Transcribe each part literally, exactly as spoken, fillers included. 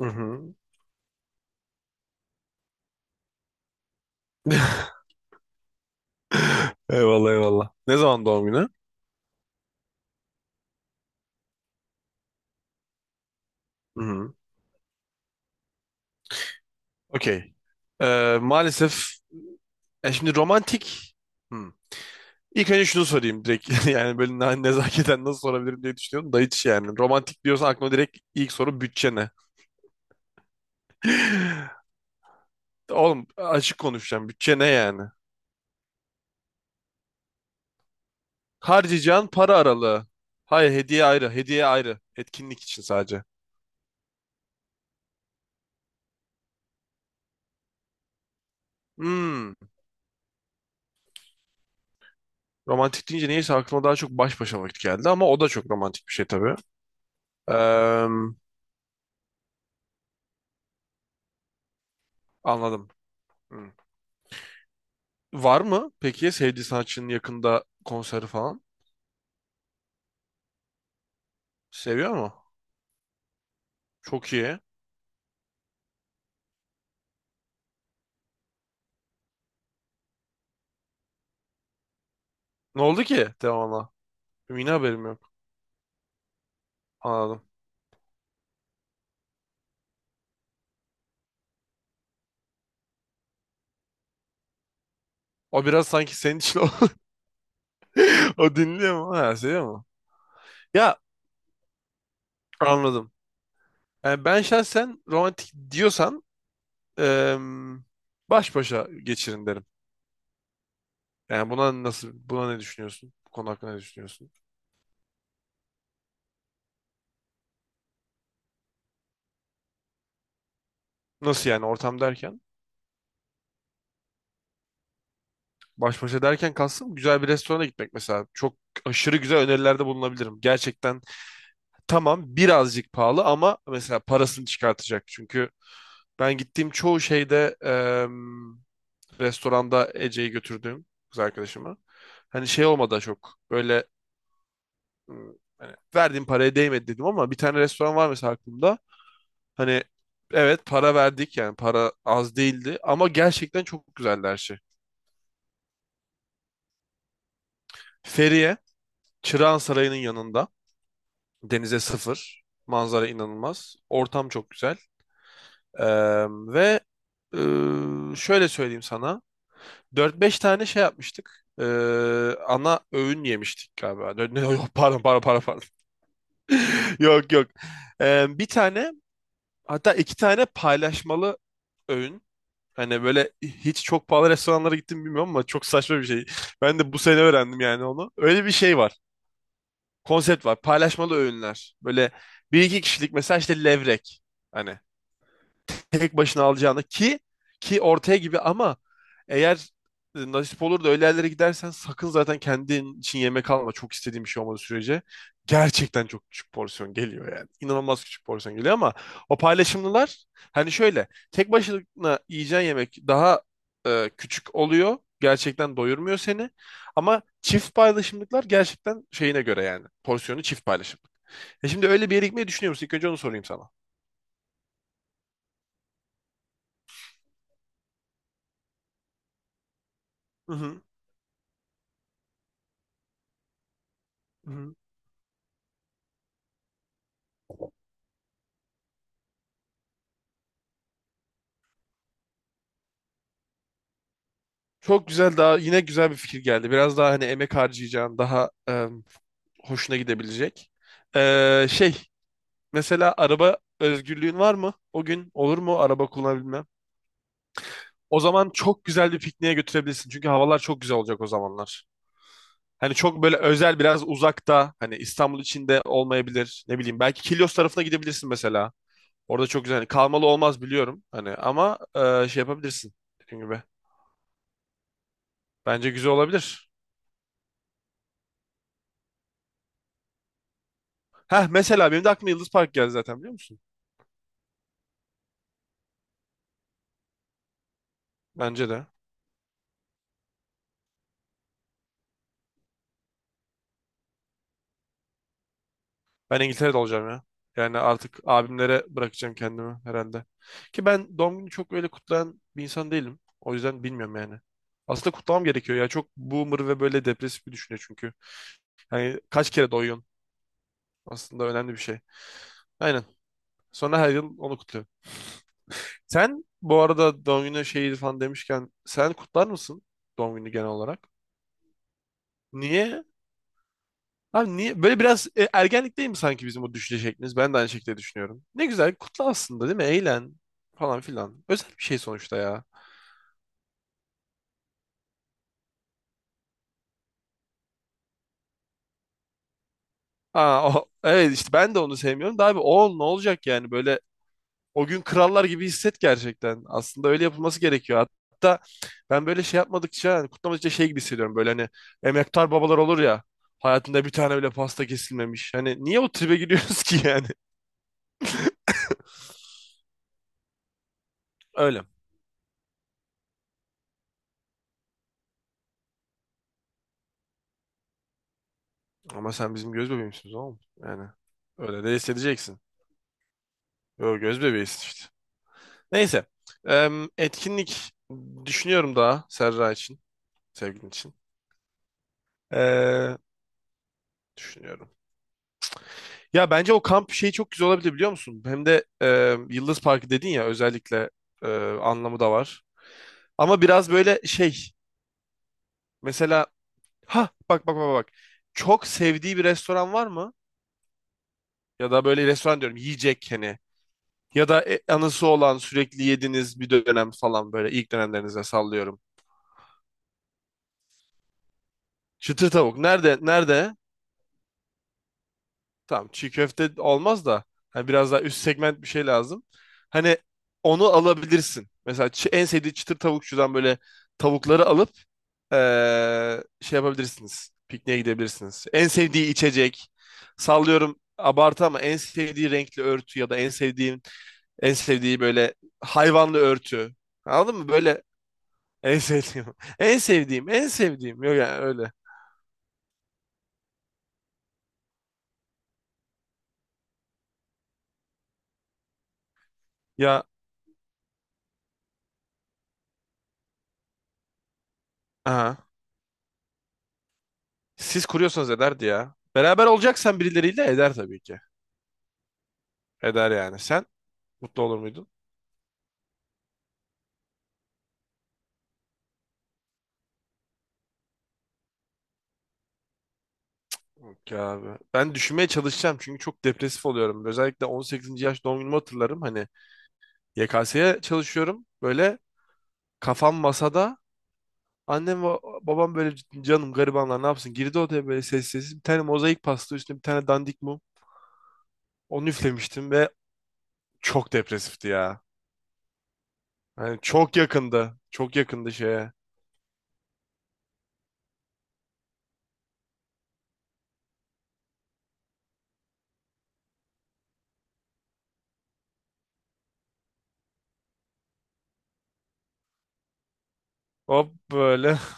Hı hı. Eyvallah eyvallah. Ne zaman doğum günü? Hı hı. Okey. Ee, maalesef, e şimdi romantik. Hı. İlk önce şunu sorayım direkt, yani böyle ne- nezaketen nasıl sorabilirim diye düşünüyorum da hiç. Yani romantik diyorsan aklıma direkt ilk soru, bütçe ne? Oğlum, açık konuşacağım, bütçe ne yani? Harcayacağın para aralığı. Hayır, hediye ayrı, hediye ayrı, etkinlik için sadece. Hmm. Romantik deyince neyse aklıma daha çok baş başa vakit geldi, ama o da çok romantik bir şey tabii. Eee, Anladım. Hı. Var mı peki ya sevdiği sanatçının yakında konseri falan? Seviyor mu? Çok iyi. Ne oldu ki devamlı? Benim yine haberim yok. Anladım. O biraz sanki senin için o, o dinliyor mu? Ha, seviyor mu? Ya, anladım. Yani ben şahsen romantik diyorsan, eee, baş başa geçirin derim. Yani buna nasıl, buna ne düşünüyorsun? Bu konu hakkında ne düşünüyorsun? Nasıl yani, ortam derken? Baş başa derken kastım güzel bir restorana gitmek mesela. Çok aşırı güzel önerilerde bulunabilirim. Gerçekten tamam, birazcık pahalı ama mesela parasını çıkartacak. Çünkü ben gittiğim çoğu şeyde em, restoranda, Ece'yi götürdüğüm kız arkadaşıma. Hani şey olmadı da çok böyle ım, hani verdiğim paraya değmedi dedim, ama bir tane restoran var mesela aklımda. Hani evet, para verdik, yani para az değildi ama gerçekten çok güzeldi her şey. Feriye, Çırağan Sarayı'nın yanında. Denize sıfır. Manzara inanılmaz. Ortam çok güzel. Eee, ve eee, şöyle söyleyeyim sana. Dört beş tane şey yapmıştık. Eee, ana öğün yemiştik galiba. Dö- ne- Yok, pardon pardon pardon pardon. Yok yok. Eee, bir tane, hatta iki tane paylaşmalı öğün. Hani böyle hiç çok pahalı restoranlara gittim bilmiyorum ama çok saçma bir şey. Ben de bu sene öğrendim yani onu. Öyle bir şey var, konsept var. Paylaşmalı öğünler. Böyle bir iki kişilik, mesela işte levrek. Hani tek başına alacağını ki ki ortaya gibi, ama eğer e, nasip olur da öyle yerlere gidersen sakın zaten kendin için yemek alma. Çok istediğim bir şey olmadığı sürece gerçekten çok küçük porsiyon geliyor yani. İnanılmaz küçük porsiyon geliyor ama o paylaşımlılar, hani şöyle tek başına yiyeceğin yemek daha e, küçük oluyor. Gerçekten doyurmuyor seni. Ama çift paylaşımlıklar gerçekten şeyine göre yani. Porsiyonu çift paylaşımlık. E şimdi öyle bir yere gitmeyi düşünüyor musun? İlk önce onu sorayım sana. Hı hı. Hı hı. Çok güzel, daha yine güzel bir fikir geldi. Biraz daha hani emek harcayacağın, daha e, hoşuna gidebilecek. E, şey, mesela araba özgürlüğün var mı? O gün olur mu, araba kullanabilmem? O zaman çok güzel bir pikniğe götürebilirsin. Çünkü havalar çok güzel olacak o zamanlar. Hani çok böyle özel, biraz uzakta, hani İstanbul içinde olmayabilir. Ne bileyim, belki Kilyos tarafına gidebilirsin mesela. Orada çok güzel. Hani kalmalı olmaz biliyorum hani, ama e, şey yapabilirsin dediğim gibi. Bence güzel olabilir. Heh, mesela benim de aklıma Yıldız Park geldi zaten, biliyor musun? Bence de. Ben İngiltere'de olacağım ya. Yani artık abimlere bırakacağım kendimi herhalde. Ki ben doğum günü çok öyle kutlayan bir insan değilim. O yüzden bilmiyorum yani. Aslında kutlamam gerekiyor ya. Çok boomer ve böyle depresif bir düşünce çünkü. Yani kaç kere doyuyorsun? Aslında önemli bir şey. Aynen. Sonra her yıl onu kutluyorum. Sen bu arada doğum günü şeyi falan demişken, sen kutlar mısın doğum günü genel olarak? Niye? Abi niye? Böyle biraz e, ergenlik değil mi sanki bizim o düşünce şeklimiz? Ben de aynı şekilde düşünüyorum. Ne güzel, kutla aslında değil mi? Eğlen falan filan. Özel bir şey sonuçta ya. Ha, o- evet işte ben de onu sevmiyorum da abi oğul ne olacak yani, böyle o gün krallar gibi hisset gerçekten. Aslında öyle yapılması gerekiyor. Hatta ben böyle şey yapmadıkça, hani kutlamadıkça, şey gibi hissediyorum. Böyle hani emektar babalar olur ya. Hayatında bir tane bile pasta kesilmemiş. Hani niye o tribe giriyoruz ki yani? Öyle. Ama sen bizim göz bebeğimsin oğlum. Yani öyle de hissedeceksin. Yo, göz bebeğisin işte. Neyse. Em, etkinlik düşünüyorum daha Serra için. Sevgilin için. Ee, Düşünüyorum. Ya bence o kamp şeyi çok güzel olabilir, biliyor musun? Hem de em, Yıldız Parkı dedin ya, özellikle e, anlamı da var. Ama biraz böyle şey. Mesela ha bak bak bak bak. Çok sevdiği bir restoran var mı? Ya da böyle restoran diyorum, yiyecek hani. Ya da e, anısı olan sürekli yediğiniz bir dönem falan, böyle ilk dönemlerinize sallıyorum. Çıtır tavuk. Nerede? Nerede? Tamam, çiğ köfte olmaz da hani biraz daha üst segment bir şey lazım. Hani onu alabilirsin. Mesela çi- en sevdiği çıtır tavukçudan böyle tavukları alıp eee, şey yapabilirsiniz. Pikniğe gidebilirsiniz. En sevdiği içecek. Sallıyorum abartı ama en sevdiği renkli örtü ya da en sevdiğim en sevdiği böyle hayvanlı örtü. Anladın mı? Böyle en sevdiğim. En sevdiğim. En sevdiğim. Yok yani öyle. Ya, aha. Siz kuruyorsanız ederdi ya. Beraber olacaksan birileriyle eder tabii ki. Eder yani. Sen mutlu olur muydun? Yok ya abi. Ben düşünmeye çalışacağım çünkü çok depresif oluyorum. Özellikle on sekizinci yaş doğum günümü hatırlarım. Hani Y K S'ye çalışıyorum. Böyle kafam masada, annem ve babam böyle, canım garibanlar ne yapsın? Girdi odaya böyle sessiz sessiz. Bir tane mozaik pasta, üstüne bir tane dandik mum. Onu üflemiştim ve çok depresifti ya. Yani çok yakındı. Çok yakındı şeye. Hop böyle.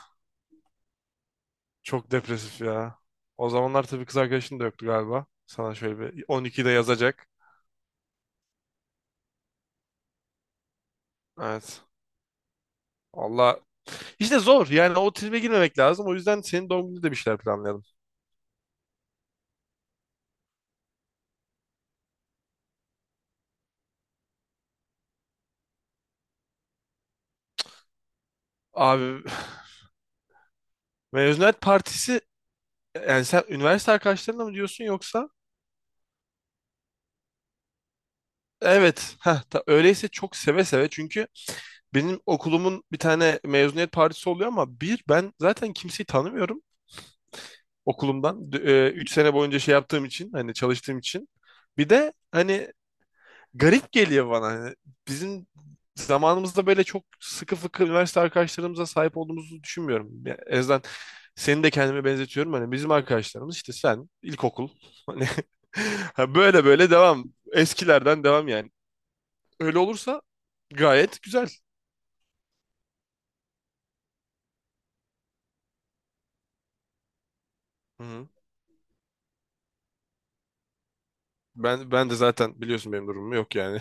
Çok depresif ya. O zamanlar tabii kız arkadaşın da yoktu galiba. Sana şöyle bir on ikide yazacak. Evet. Allah. İşte zor. Yani o tribe girmemek lazım. O yüzden senin doğum gününde de bir şeyler planlayalım. Abi mezuniyet partisi, yani sen üniversite arkadaşlarınla mı diyorsun yoksa? Evet, heh, ta- öyleyse çok seve seve çünkü benim okulumun bir tane mezuniyet partisi oluyor ama bir ben zaten kimseyi tanımıyorum okulumdan, üç sene boyunca şey yaptığım için, hani çalıştığım için. Bir de hani garip geliyor bana, hani bizim zamanımızda böyle çok sıkı fıkı üniversite arkadaşlarımıza sahip olduğumuzu düşünmüyorum. Yani en azından, seni de kendime benzetiyorum, hani bizim arkadaşlarımız işte sen ilkokul hani ha, böyle böyle devam, eskilerden devam yani. Öyle olursa gayet güzel. Hı hı. Ben ben de zaten biliyorsun benim durumum yok yani.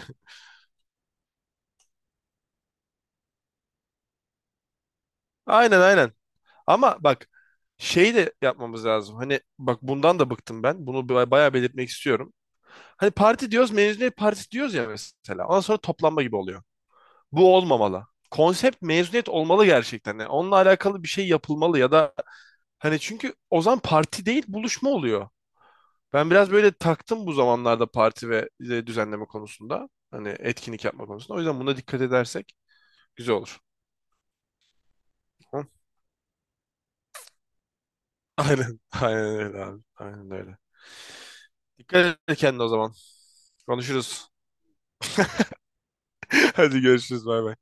Aynen aynen. Ama bak, şey de yapmamız lazım. Hani bak, bundan da bıktım ben. Bunu ba- bayağı belirtmek istiyorum. Hani parti diyoruz, mezuniyet partisi diyoruz ya mesela. Ondan sonra toplanma gibi oluyor. Bu olmamalı. Konsept mezuniyet olmalı gerçekten. Yani onunla alakalı bir şey yapılmalı, ya da hani, çünkü o zaman parti değil buluşma oluyor. Ben biraz böyle taktım bu zamanlarda parti ve e, düzenleme konusunda. Hani etkinlik yapma konusunda. O yüzden buna dikkat edersek güzel olur. Hı? Aynen. Aynen öyle abi. Aynen öyle. Dikkat et kendine o zaman. Konuşuruz. Hadi görüşürüz. Bay bay.